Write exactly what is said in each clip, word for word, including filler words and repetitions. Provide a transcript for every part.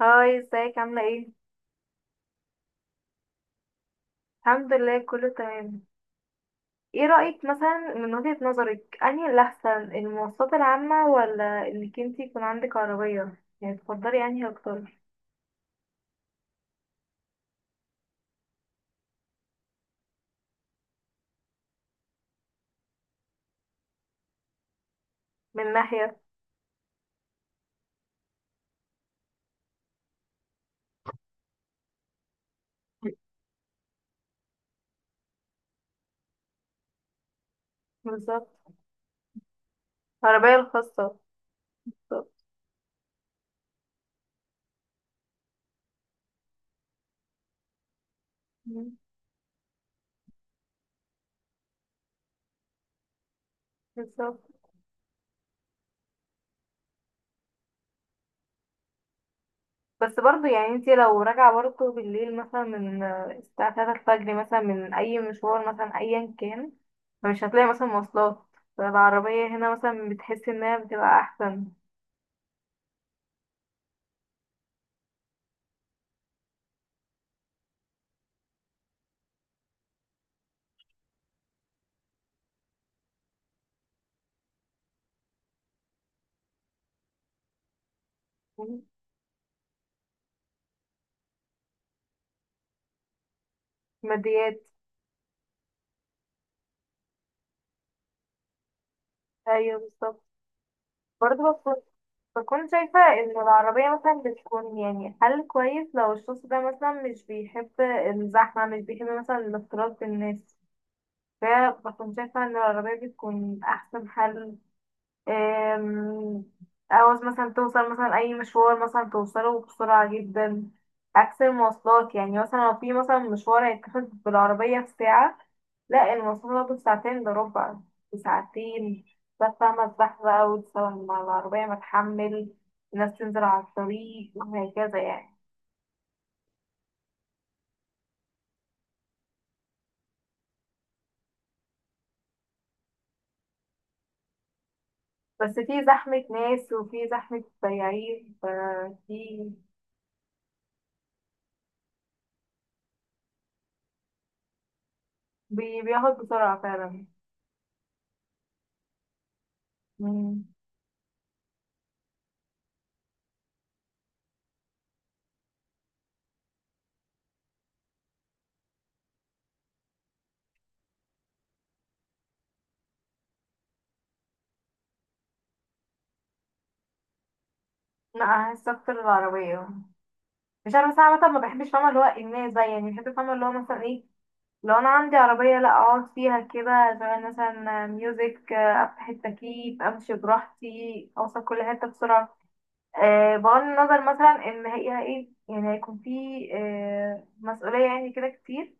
هاي، ازيك؟ عاملة ايه؟ الحمد لله، كله تمام. ايه رأيك مثلا، من وجهة نظرك، انهي الأحسن، المواصلات العامة ولا انك انتي يكون عندك عربية؟ يعني تفضلي انهي أكتر؟ من ناحية. بالظبط. العربية الخاصة. بالظبط. مم. بالظبط. بس برضه يعني انتي لو راجعة برضه بالليل مثلا من آه، الساعة تلاتة الفجر مثلا من أي مشوار مثلا أيا كان، فمش هتلاقي مثلا مواصلات. فالعربية هنا مثلا بتحسي انها بتبقى أحسن. مم. ماديات. ايوه بالظبط. برضه بكون بكون شايفة ان العربية مثلا بتكون يعني حل كويس، لو الشخص ده مثلا مش بيحب الزحمة، مش بيحب مثلا الاختلاط بالناس، فبكون شايفة ان العربية بتكون احسن حل. أم، عاوز مثلا توصل مثلا أي مشوار مثلا توصله بسرعة جدا، عكس المواصلات. يعني مثلا لو في مثلا مشوار هيتاخد بالعربية في ساعة، لا، المواصلات هتاخد ساعتين إلا ربع. ساعتين. بس فاهمة الزحمة بقى، وتسوي مع العربية ما تحمل، الناس تنزل على الطريق وهكذا يعني. بس في زحمة ناس وفي زحمة سياحين، ففي. بي- بياخد بسرعة فعلا. مم. لا، أحس أكتر العربية. مش عارفه صراحه، مثلا ما بحبش، فاهمه اللي هو الناس بقى، يعني بحب فاهمه اللي هو مثلا ايه، لو انا عندي عربيه لا اقعد فيها كده، اشغل مثلا ميوزك، افتح التكييف، امشي براحتي، اوصل كل حته بسرعه. أه بغض النظر مثلا ان هي ايه، يعني هيكون في أه مسؤوليه يعني كده كتير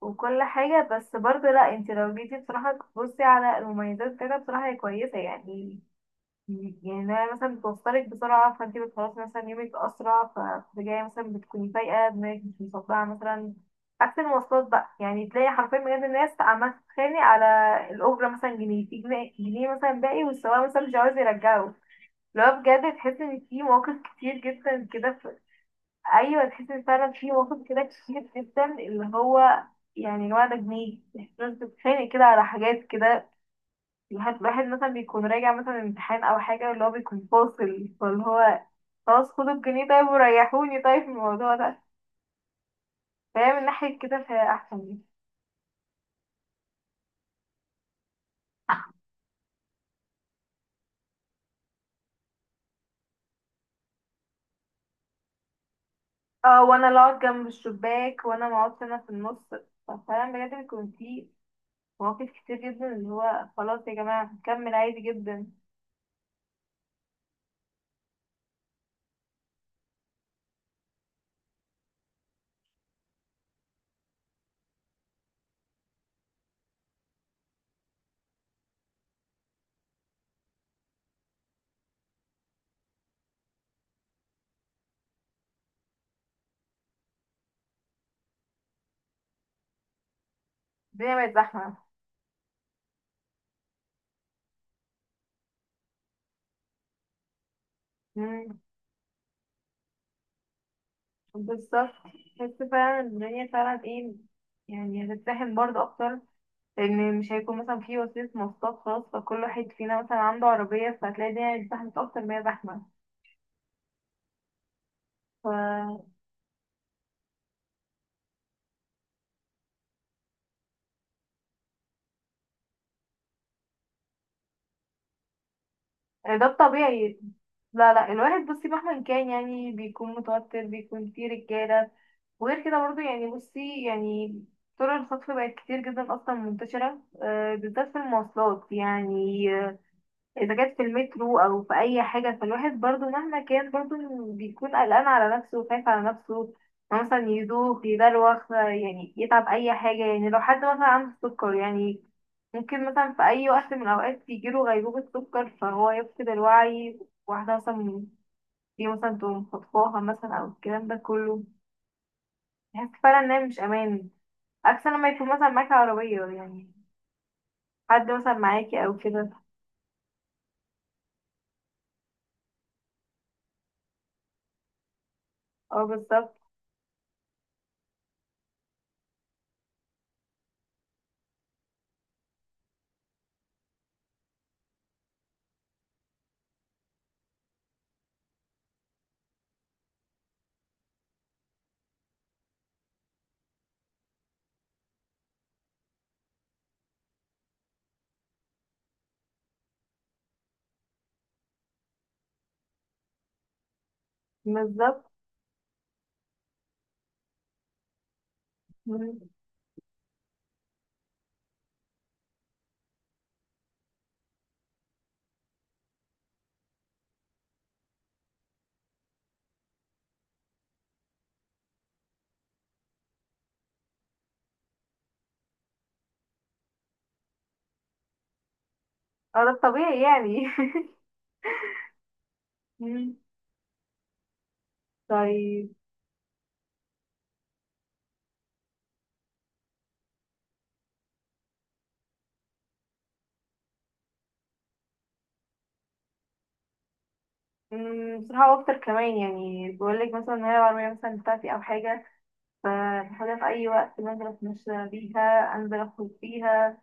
وكل حاجه. بس برضه لا، انت لو جيتي بصراحه تبصي على المميزات كده بصراحه هي كويسه يعني. يعني انها مثلا بتوصلك بسرعة، فانت بتخلصي مثلا يومك أسرع، فبترجعي مثلا بتكوني فايقة دماغك، مش مصدعة مثلا. عكس المواصلات بقى، يعني تلاقي حرفيا بجد الناس عمالة تتخانق على الأجرة مثلا، جنيه في جنيه، جنيه مثلا باقي والسواق مثلا مش عاوز يرجعه. اللي هو بجد تحس ان في مواقف كتير جدا كده في. ايوه، تحس ان فعلا في مواقف كده كتير جدا اللي هو، يعني الواد ده جنيه، تحس إن أنت بتتخانق كده على حاجات كده. الواحد الواحد مثلا بيكون راجع مثلا امتحان او حاجة، اللي هو بيكون فاصل، فاللي هو خلاص، خدوا الجنيه طيب وريحوني طيب من الموضوع ده. فهي من ناحية كده فهي احسن لي. اه، وانا اللي اقعد جنب الشباك، وانا ما اقعدش انا في النص. ففعلا بجد بيكون في مواقف كتير جدا اللي هو خلاص يا جماعة هنكمل عادي جدا. الدنيا بقت زحمة. مم، بالظبط. بس فعلا الدنيا فعلا ايه، يعني هتتزاحم برضه اكتر، لان مش هيكون مثلا في وسيله مواصلات خاص، فكل واحد فينا مثلا عنده عربيه، فهتلاقي الدنيا زحمه اكتر ما هي زحمه. ف. ده الطبيعي. لا لا، الواحد بصي مهما كان يعني بيكون متوتر، بيكون في رجاله. وغير كده برضو يعني بصي يعني طرق الخطف بقت كتير جدا اصلا منتشره، آه، بالذات في المواصلات يعني، اذا كانت في المترو او في اي حاجه، فالواحد برضو مهما كان برضو بيكون قلقان على نفسه وخايف على نفسه، إنه مثلا يدوخ يدلوخ، يعني يتعب اي حاجه. يعني لو حد مثلا عنده سكر، يعني ممكن مثلا في اي وقت من الاوقات يجيله غيبوبه سكر فهو يفقد الوعي. واحده مثلا دي مثلا تقوم خطفاها مثلا او الكلام ده كله. بحس فعلا ان هي مش امان، عكس لما يكون مثلا معاكي عربيه يعني، حد مثلا معاكي او كده. اه بالظبط. بالظبط. اه، ده الطبيعي يعني. مم. طيب. مم، بصراحة بفطر كمان، يعني بقولك مثلا إن هي العربية مثلا بتاعتي أو حاجة، فبحاولها في أي وقت، بنزل أتمشى بيها، أنزل أخرج بيها،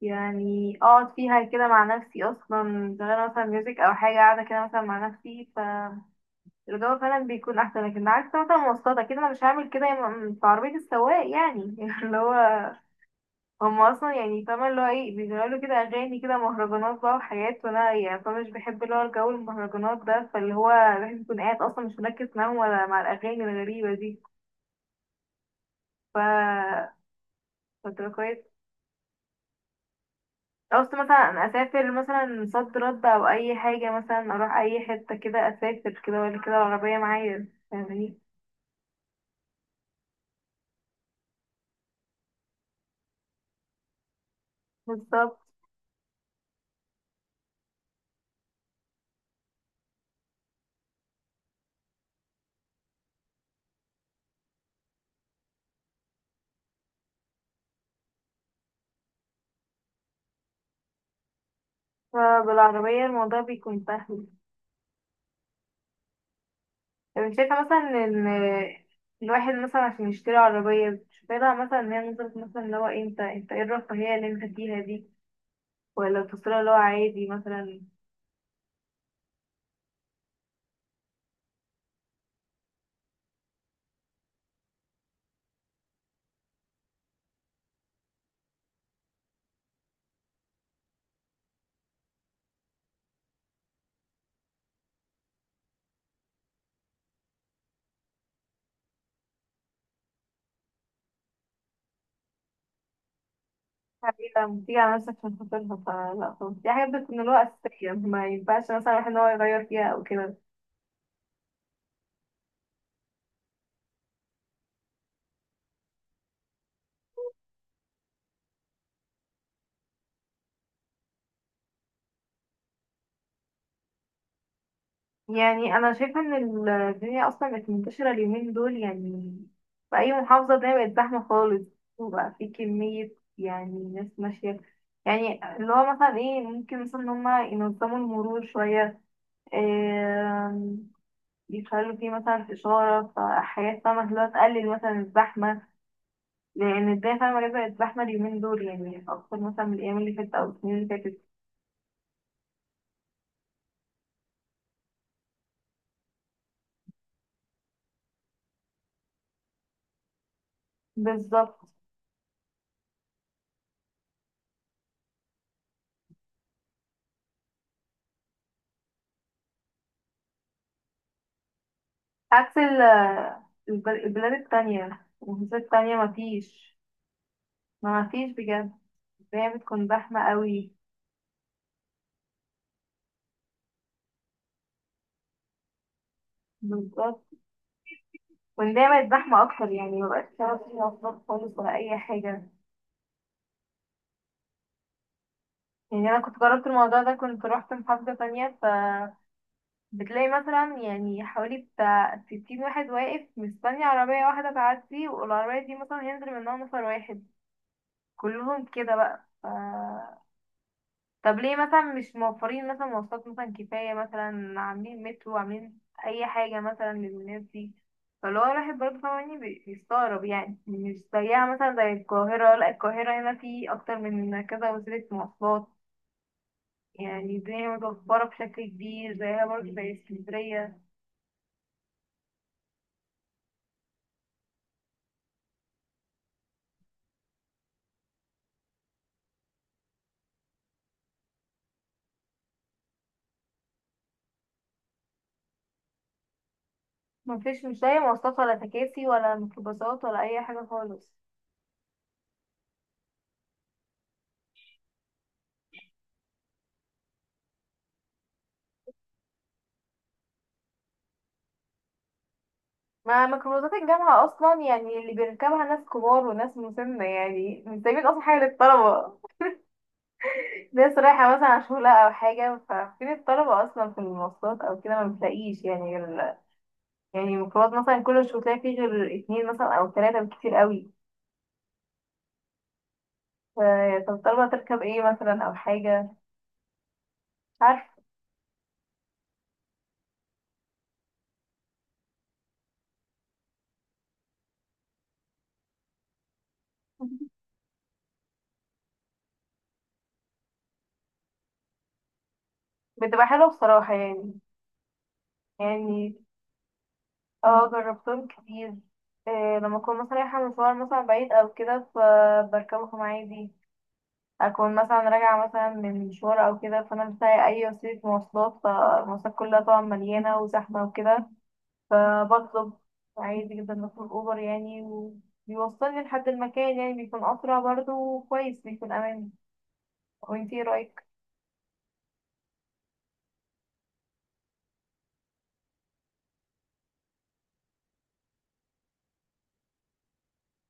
يعني أقعد فيها كده مع نفسي أصلا، شغالة مثلا ميوزك أو حاجة، قاعدة كده مثلا مع نفسي. فالجو فعلا بيكون أحسن، لكن عكس مثلا مواصلات كده، أنا مش هعمل كده. يم- في عربية السواق يعني اللي هو هم اصلا يعني فاهمة اللي هو ايه، بيشغلوا له كده اغاني كده مهرجانات بقى وحاجات، وانا يعني فاهمة مش بحب اللي هو الجو المهرجانات ده، فاللي هو الواحد يكون قاعد اصلا مش مركز معاهم ولا مع الاغاني الغريبة دي. ف. فتبقى كويس. قصدي مثلا أنا اسافر مثلا صد رد او اي حاجة، مثلا اروح اي حتة كده اسافر كده ولا كده العربية معايا فاهماني. بالظبط. فبالعربية الموضوع بيكون سهل. طب انت شايفة مثلا ان الواحد مثلا عشان يشتري عربية، شايفة مثلا ان هي نظرة مثلا اللي هو إيه، انت انت ايه الرفاهية اللي انت فيها دي، ولا بتصيرها اللي هو عادي مثلا؟ حبيبة بتيجي على نفسك عشان خاطرها؟ فلا خالص، دي حاجات بتكون اللي هو أساسية، ما ينفعش مثلا الواحد ان هو يغير فيها أو كده. يعني انا شايفه ان الدنيا اصلا بقت منتشره اليومين دول يعني، في اي محافظه ده بقت زحمه خالص، وبقى في كميه يعني ناس ماشيه. يعني اللي هو مثلا ايه ممكن مثلا ان هما ينظموا المرور شويه، آم، يخلوا فيه مثلا اشاره، فحاجات فاهمه اللي هو تقلل مثلا الزحمه. لان الدنيا فاهمه ليه بقت زحمه اليومين دول يعني اكتر مثلا من الايام اللي فاتت او السنين اللي فاتت. بالظبط. عكس ال- الب- البلاد التانية، المحافظات التانية، مفيش. ما مفيش بجد، الدنيا بتكون زحمة قوي. بالظبط. والدنيا بقت زحمة أكتر، يعني مبقاش شغل فيها مواصلات خالص ولا أي حاجة. يعني أنا كنت جربت الموضوع ده، كنت روحت محافظة تانية، فبتلاقي مثلا يعني حوالي بتاع ستين واحد واقف مستني عربية واحدة تعدي، والعربية دي مثلا ينزل منها نفر واحد، كلهم كده بقى. طب ليه مثلا مش موفرين مثلا مواصلات مثلا كفاية، مثلا عاملين مترو، عاملين أي حاجة مثلا للناس دي؟ فاللي هو الواحد برضه فاهماني بي- بيستغرب، يعني مش زيها مثلا زي القاهرة. لا، القاهرة هنا في أكتر من كذا وسيلة مواصلات، يعني الدنيا متوفرة بشكل كبير زيها برضه زي اسكندرية. مفيش، مش لاقي مواصلات ولا تكاسي ولا ميكروباصات ولا أي حاجة خالص. ما ميكروباصات الجامعة أصلا يعني اللي بيركبها ناس كبار وناس مسنة، يعني مش سايبين أصلا حاجة للطلبة. ناس رايحة مثلا على شغل أو حاجة، ففين الطلبة أصلا في المواصلات أو كده؟ ما بتلاقيش يعني غير، يعني الميكروباص مثلا كل مش بتلاقي فيه غير اتنين مثلا أو تلاتة بالكتير قوي. ف- طب الطلبة تركب ايه مثلا أو حاجة؟ مش عارفة. بتبقى حلوة بصراحة يعني، يعني. اه، جربتهم كتير. إيه، لما أكون مثلا رايحة مشوار مثلا بعيد أو كده فبركبهم عادي، أكون مثلا راجعة مثلا من مشوار أو كده فأنا مش لاقي أي وسيلة مواصلات، فالمواصلات كلها طبعا مليانة وزحمة وكده، فبطلب عادي جدا، بطلب اوبر يعني، وبيوصلني لحد المكان، يعني بيكون اسرع برضه وكويس، بيكون امان. وانتي ايه رايك؟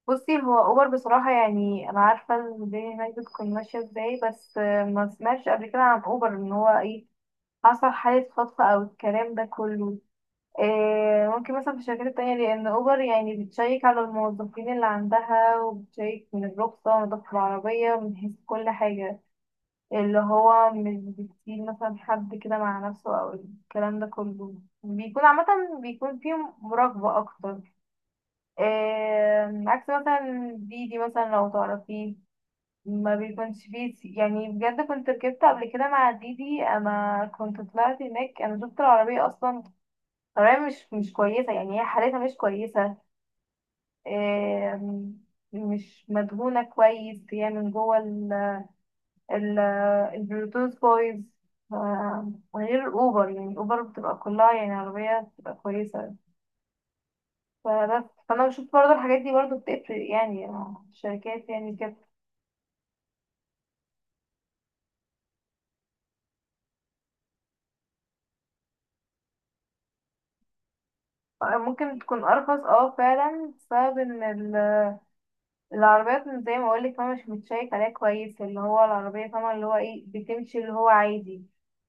بصي، هو اوبر بصراحه يعني انا عارفه الدنيا هناك بتكون ماشيه ازاي، بس آه، ما سمعتش قبل كده عن اوبر ان هو ايه، حصل حاله خطف او الكلام ده كله. إيه، ممكن مثلا في الشركات التانية، لأن أوبر يعني بتشيك على الموظفين اللي عندها، وبتشيك من الرخصة ونظافة العربية من حيث كل حاجة، اللي هو مش بيسيب مثلا حد كده مع نفسه او الكلام ده كله، بيكون عامة بيكون فيهم مراقبة اكتر. آم، عكس مثلا ديدي مثلا لو تعرفيه، ما بيكونش فيه س- يعني بجد كنت ركبت قبل كده مع ديدي، انا كنت طلعت هناك، انا شفت العربية اصلا. العربية مش مش كويسة، يعني هي حالتها مش كويسة. آم، مش مدهونة كويس هي من جوه ال- البلوتوث بويز. آه، غير اوبر، يعني اوبر بتبقى كلها يعني عربية بتبقى كويسة. فده فانا بشوف برضه الحاجات دي برضه بتفرق يعني، آه، الشركات يعني كده. ممكن تكون ارخص، اه فعلا، بسبب ان العربيات من- زي ما اقولك فاهمة مش متشيك عليها كويس، اللي هو العربية فاهمة اللي هو ايه بتمشي اللي هو عادي.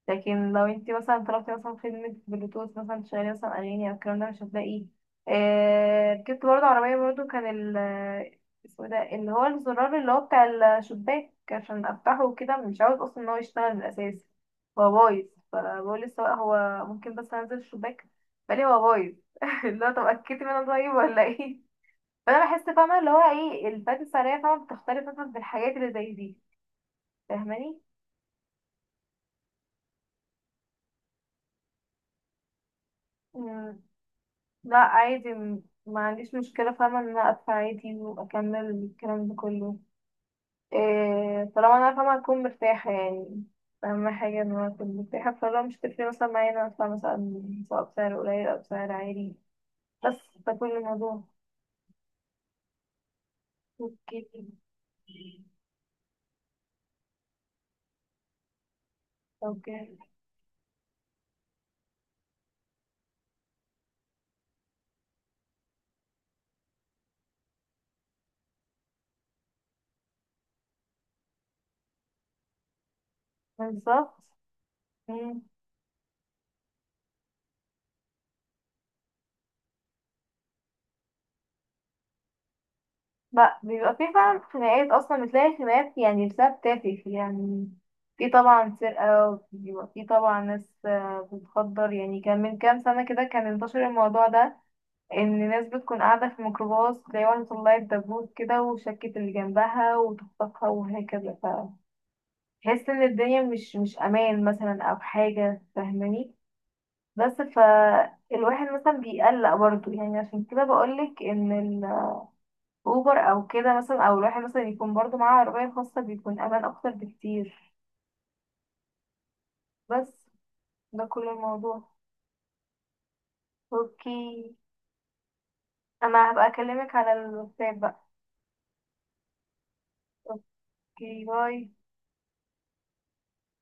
لكن لو انت مثلا طلبتي مثلا خدمة بلوتوث مثلا تشغلي مثلا أغاني أو الكلام ده، مش هتلاقيه. آه، ركبت برضه عربية برضه كان ال آه، اسمه ده اللي هو الزرار اللي هو بتاع الشباك عشان أفتحه وكده، مش عاوز أصلا إن هو يشتغل من الأساس، هو بايظ. فبقول للسواق هو ممكن بس أنزل الشباك؟ فقال لي هو بايظ. اللي هو طب أكدتي منه طيب ولا ايه؟ فانا بحس فاهمه اللي هو ايه، الفات السعريه فاهمه بتختلف مثلا في الحاجات اللي زي دي. فاهماني. مم، لا عادي، م- ما عنديش مشكله، فاهمه ان انا ادفع عادي واكمل الكلام ده كله. إيه، طالما انا فاهمه هكون مرتاحه يعني. اهم حاجه ان انا اكون مرتاحه، فلو مش تفرق مثلا معايا ان انا ادفع مثلا سواء بسعر قليل او بسعر عالي، بس ده كل الموضوع. اوكي. اوكي، بالظبط. لا، بيبقى في فعلا خناقات اصلا، بتلاقي خناقات يعني بسبب تافه يعني. في طبعا سرقة، وبيبقى في طبعا ناس آه، بتخدر، يعني كان من كام سنة كده كان انتشر الموضوع ده، ان ناس بتكون قاعدة في ميكروباص تلاقي واحدة طلعت دبوس كده وشكت اللي جنبها وتخطفها وهكذا. فتحس ان الدنيا مش مش امان مثلا او حاجة فاهماني. بس فالواحد مثلا بيقلق برضه، يعني عشان كده بقولك ان اوبر او كده مثلا، او الواحد مثلا يكون برضو معاه عربية خاصة، بيكون امان اكتر بكتير. بس ده كل الموضوع. اوكي. انا هبقى اكلمك على الواتساب بقى. اوكي، باي.